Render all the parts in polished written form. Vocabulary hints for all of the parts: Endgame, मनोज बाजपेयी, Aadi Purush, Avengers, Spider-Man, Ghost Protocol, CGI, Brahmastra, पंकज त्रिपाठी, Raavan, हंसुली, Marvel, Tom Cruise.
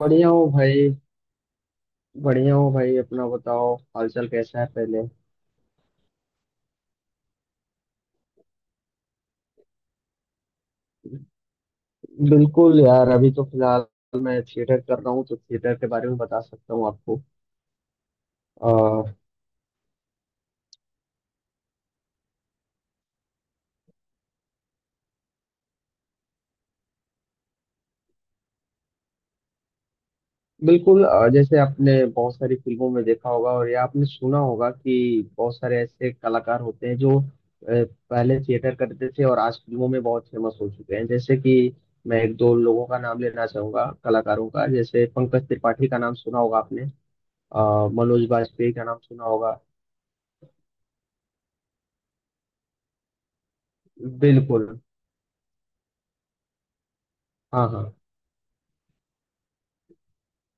बढ़िया हो भाई। बढ़िया हो भाई, अपना बताओ हालचाल कैसा है पहले। बिल्कुल यार, अभी तो फिलहाल मैं थिएटर कर रहा हूँ तो थिएटर के बारे में बता सकता हूँ आपको। अह, बिल्कुल। जैसे आपने बहुत सारी फिल्मों में देखा होगा और या आपने सुना होगा कि बहुत सारे ऐसे कलाकार होते हैं जो पहले थिएटर करते थे और आज फिल्मों में बहुत फेमस हो चुके हैं। जैसे कि मैं एक दो लोगों का नाम लेना चाहूंगा कलाकारों का, जैसे पंकज त्रिपाठी का नाम सुना होगा आपने। मनोज बाजपेयी का नाम सुना होगा। बिल्कुल। हाँ हाँ।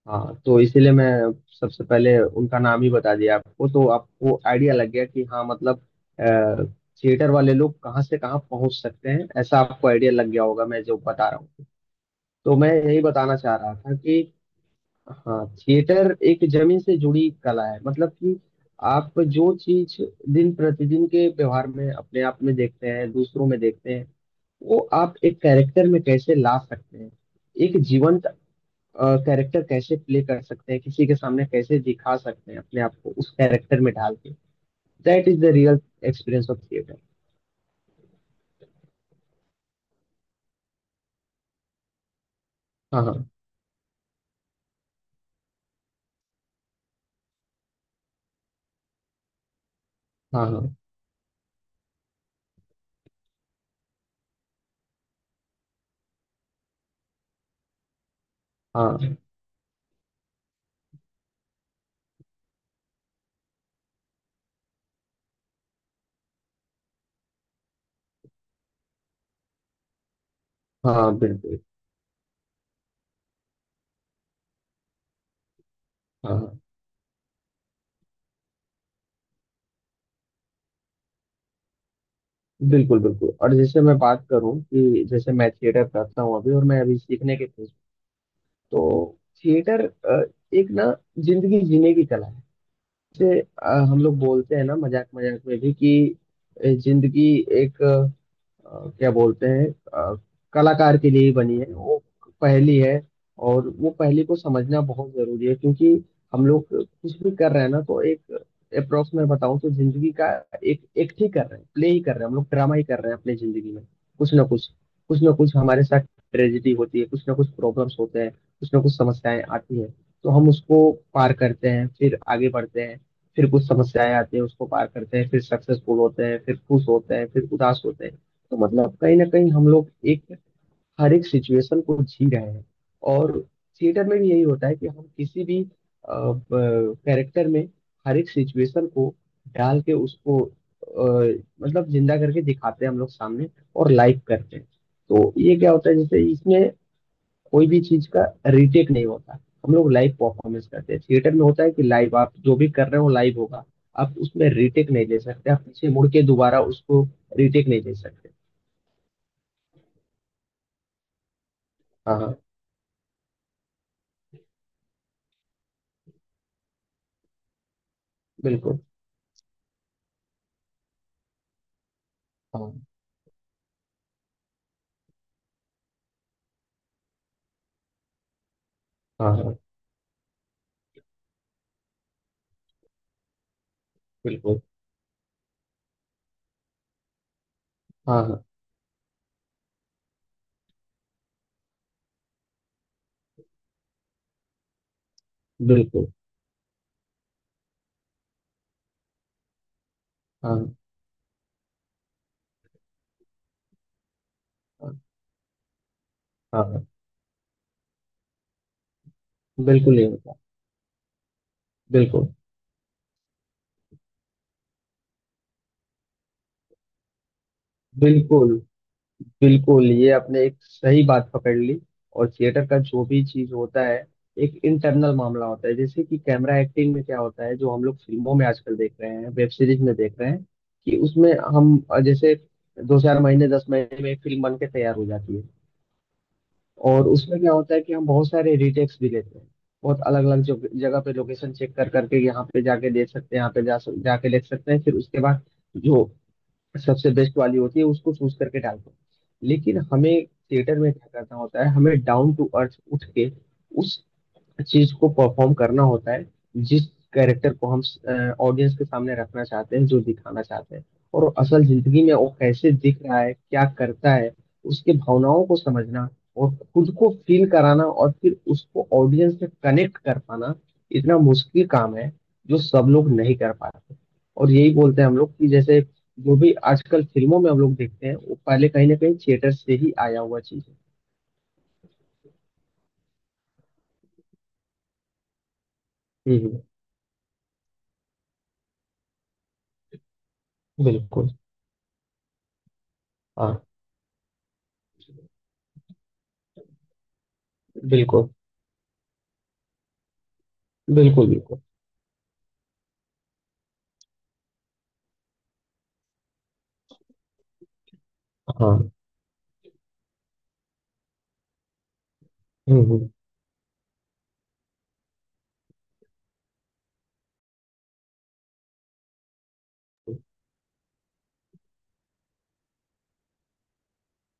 हाँ, तो इसीलिए मैं सबसे पहले उनका नाम ही बता दिया आपको तो आपको आइडिया लग गया कि हाँ, मतलब थिएटर वाले लोग कहाँ से कहाँ पहुंच सकते हैं, ऐसा आपको आइडिया लग गया होगा मैं जो बता रहा हूँ। तो मैं यही बताना चाह रहा था कि हाँ, थिएटर एक जमीन से जुड़ी कला है। मतलब कि आप जो चीज दिन प्रतिदिन के व्यवहार में अपने आप में देखते हैं, दूसरों में देखते हैं, वो आप एक कैरेक्टर में कैसे ला सकते हैं, एक जीवंत कैरेक्टर कैसे प्ले कर सकते हैं, किसी के सामने कैसे दिखा सकते हैं अपने आप को उस कैरेक्टर में डाल के। That is the real experience of theatre. हाँ हाँ हाँ हाँ हाँ हाँ। बिल्कुल। हाँ हाँ। बिल्कुल बिल्कुल। और जैसे मैं बात करूं, कि जैसे मैं थिएटर करता हूँ अभी और मैं अभी सीखने के फेज। तो थिएटर एक ना जिंदगी जीने की कला है। जैसे हम लोग बोलते हैं ना मजाक मजाक में भी कि जिंदगी एक, क्या बोलते हैं, अ, कलाकार के लिए ही बनी है। वो पहेली है। और वो पहेली को समझना बहुत जरूरी है, क्योंकि हम लोग कुछ भी कर रहे हैं ना तो एक अप्रोक्स में बताऊं तो जिंदगी का एक एक्ट ही कर रहे हैं, प्ले ही कर रहे हैं, हम लोग ड्रामा ही कर रहे हैं अपनी जिंदगी में। कुछ ना कुछ कुछ ना कुछ हमारे साथ ट्रेजिडी होती है, कुछ ना कुछ प्रॉब्लम्स होते हैं, कुछ ना कुछ समस्याएं आती हैं। तो हम उसको पार करते हैं फिर आगे बढ़ते हैं। फिर कुछ समस्याएं आती हैं, उसको पार करते हैं, फिर सक्सेसफुल होते हैं, फिर खुश होते हैं, फिर उदास होते हैं। तो मतलब कहीं ना कहीं हम लोग एक हर एक सिचुएशन को जी रहे हैं। और थिएटर में भी यही होता है कि हम किसी भी कैरेक्टर में हर एक सिचुएशन को डाल के उसको मतलब जिंदा करके दिखाते हैं हम लोग सामने, और लाइव करते हैं। तो ये क्या होता है, जैसे इसमें कोई भी चीज का रिटेक नहीं होता। हम लोग लाइव परफॉर्मेंस करते हैं, थिएटर में होता है कि लाइव, आप जो भी कर रहे हो लाइव होगा। आप उसमें रिटेक नहीं ले सकते, आप पीछे मुड़ के दोबारा उसको रिटेक नहीं ले सकते। हाँ हाँ। बिल्कुल। हाँ हाँ हाँ। बिल्कुल। हाँ हाँ। बिल्कुल। हाँ हाँ हाँ हाँ, बिल्कुल नहीं होता। बिल्कुल बिल्कुल। बिल्कुल, ये आपने एक सही बात पकड़ ली। और थिएटर का जो भी चीज होता है एक इंटरनल मामला होता है। जैसे कि कैमरा एक्टिंग में क्या होता है, जो हम लोग फिल्मों में आजकल देख रहे हैं, वेब सीरीज में देख रहे हैं, कि उसमें हम जैसे दो चार महीने 10 महीने में एक फिल्म बन के तैयार हो जाती है। और उसमें क्या होता है कि हम बहुत सारे रिटेक्स भी लेते हैं, बहुत अलग अलग जगह पे लोकेशन चेक कर करके, यहाँ पे जाके देख सकते हैं, यहाँ पे जाके देख सकते हैं, फिर उसके बाद जो सबसे बेस्ट वाली होती है उसको चूज करके डालते हैं। लेकिन हमें थिएटर में क्या करना होता है, हमें डाउन टू अर्थ उठ के उस चीज को परफॉर्म करना होता है, जिस कैरेक्टर को हम ऑडियंस के सामने रखना चाहते हैं, जो दिखाना चाहते हैं। और असल जिंदगी में वो कैसे दिख रहा है, क्या करता है, उसके भावनाओं को समझना और खुद को फील कराना और फिर उसको ऑडियंस से कनेक्ट कर पाना इतना मुश्किल काम है जो सब लोग नहीं कर पाते। और यही बोलते हैं हम लोग कि जैसे जो भी आजकल फिल्मों में हम लोग देखते हैं वो पहले कहीं ना कहीं थिएटर से ही आया हुआ चीज है। हम्म। बिल्कुल। हाँ। बिल्कुल बिल्कुल। बिल्कुल। हाँ। हम्म।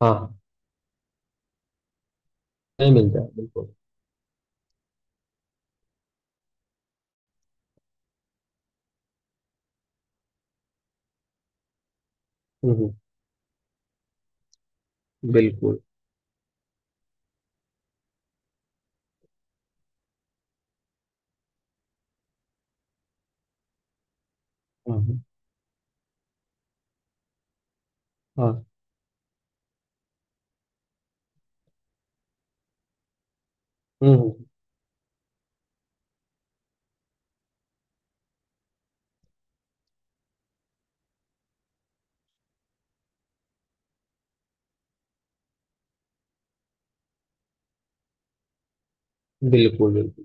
हाँ हाँ, नहीं मिलता है बिल्कुल। हम्म। बिल्कुल। हाँ हाँ। हाँ, हम्म। बिल्कुल बिल्कुल।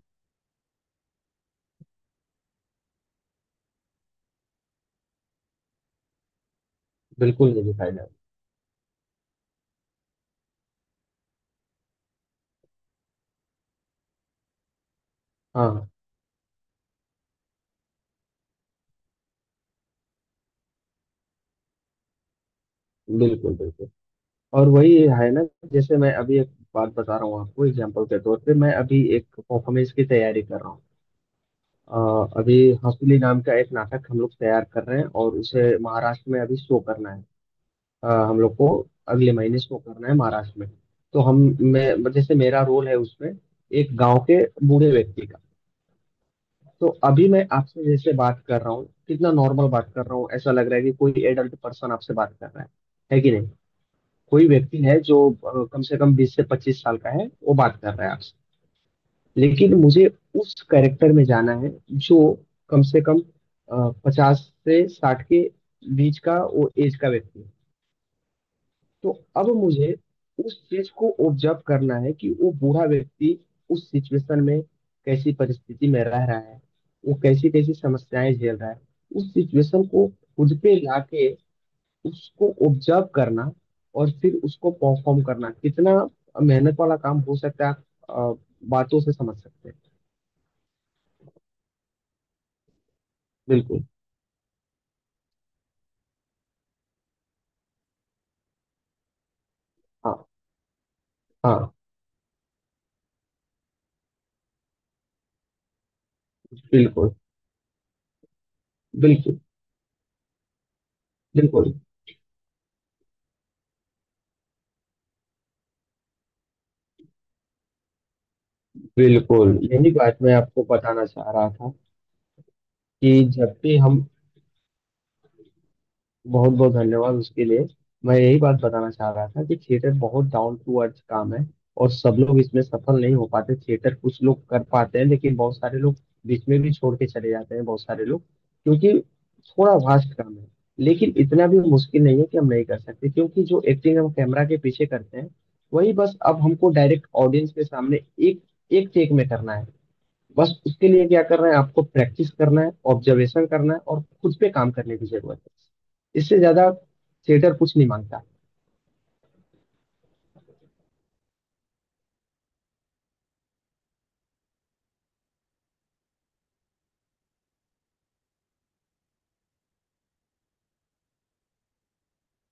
बिल्कुल नहीं दिखाई डाल। हाँ हाँ। बिल्कुल बिल्कुल। और वही है ना, जैसे मैं अभी एक बात बता रहा हूँ आपको एग्जाम्पल के तौर पे, मैं अभी एक परफॉर्मेंस की तैयारी कर रहा हूँ। अभी हंसुली नाम का एक नाटक हम लोग तैयार कर रहे हैं और उसे महाराष्ट्र में अभी शो करना है। हम लोग को अगले महीने शो करना है महाराष्ट्र में। तो हम, मैं जैसे मेरा रोल है उसमें एक गांव के बूढ़े व्यक्ति। तो अभी मैं आपसे जैसे बात कर रहा हूँ, कितना नॉर्मल बात कर रहा हूँ, ऐसा लग रहा है कि कोई एडल्ट पर्सन आपसे बात कर रहा है कि नहीं? कोई व्यक्ति है जो कम से कम 20 से 25 साल का है, वो बात कर रहा है आपसे। लेकिन मुझे उस कैरेक्टर में जाना है जो कम से कम 50 से 60 के बीच का वो एज का व्यक्ति है। तो अब मुझे उस चीज को ऑब्जर्व करना है कि वो बूढ़ा व्यक्ति उस सिचुएशन में कैसी परिस्थिति में रह रहा है, वो कैसी कैसी समस्याएं झेल रहा है, उस सिचुएशन को खुद पे लाके उसको ऑब्जर्व करना और फिर उसको परफॉर्म करना कितना मेहनत वाला काम हो सकता है, आप बातों से समझ सकते हैं। बिल्कुल। हाँ हाँ। बिल्कुल बिल्कुल। बिल्कुल, बिल्कुल यही बात मैं आपको बताना चाह रहा था कि जब भी हम, बहुत बहुत धन्यवाद उसके लिए। मैं यही बात बताना चाह रहा था कि थिएटर बहुत डाउन टू अर्थ काम है। और सब लोग इसमें सफल नहीं हो पाते, थिएटर कुछ लोग कर पाते हैं लेकिन बहुत सारे लोग बीच में भी छोड़ के चले जाते हैं। बहुत सारे लोग, क्योंकि थोड़ा वास्ट काम है, लेकिन इतना भी मुश्किल नहीं है कि हम नहीं कर सकते, क्योंकि जो एक्टिंग हम कैमरा के पीछे करते हैं वही बस अब हमको डायरेक्ट ऑडियंस के सामने एक एक टेक में करना है। बस उसके लिए क्या करना है, आपको प्रैक्टिस करना है, ऑब्जर्वेशन करना है और खुद पे काम करने की जरूरत है। इससे ज्यादा थिएटर कुछ नहीं मांगता।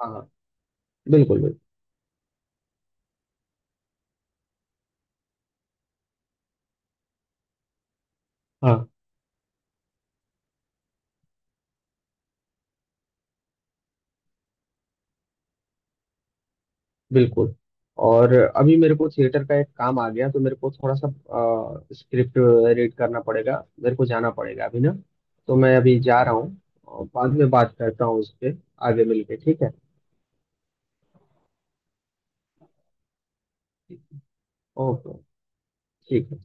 हाँ। बिल्कुल बिल्कुल। हाँ। बिल्कुल। और अभी मेरे को थिएटर का एक काम आ गया, तो मेरे को थोड़ा सा स्क्रिप्ट रीड करना पड़ेगा, मेरे को जाना पड़ेगा अभी ना। तो मैं अभी जा रहा हूँ, और बाद में बात करता हूँ उस पे। आगे मिलके, ठीक है। ओके। ठीक है।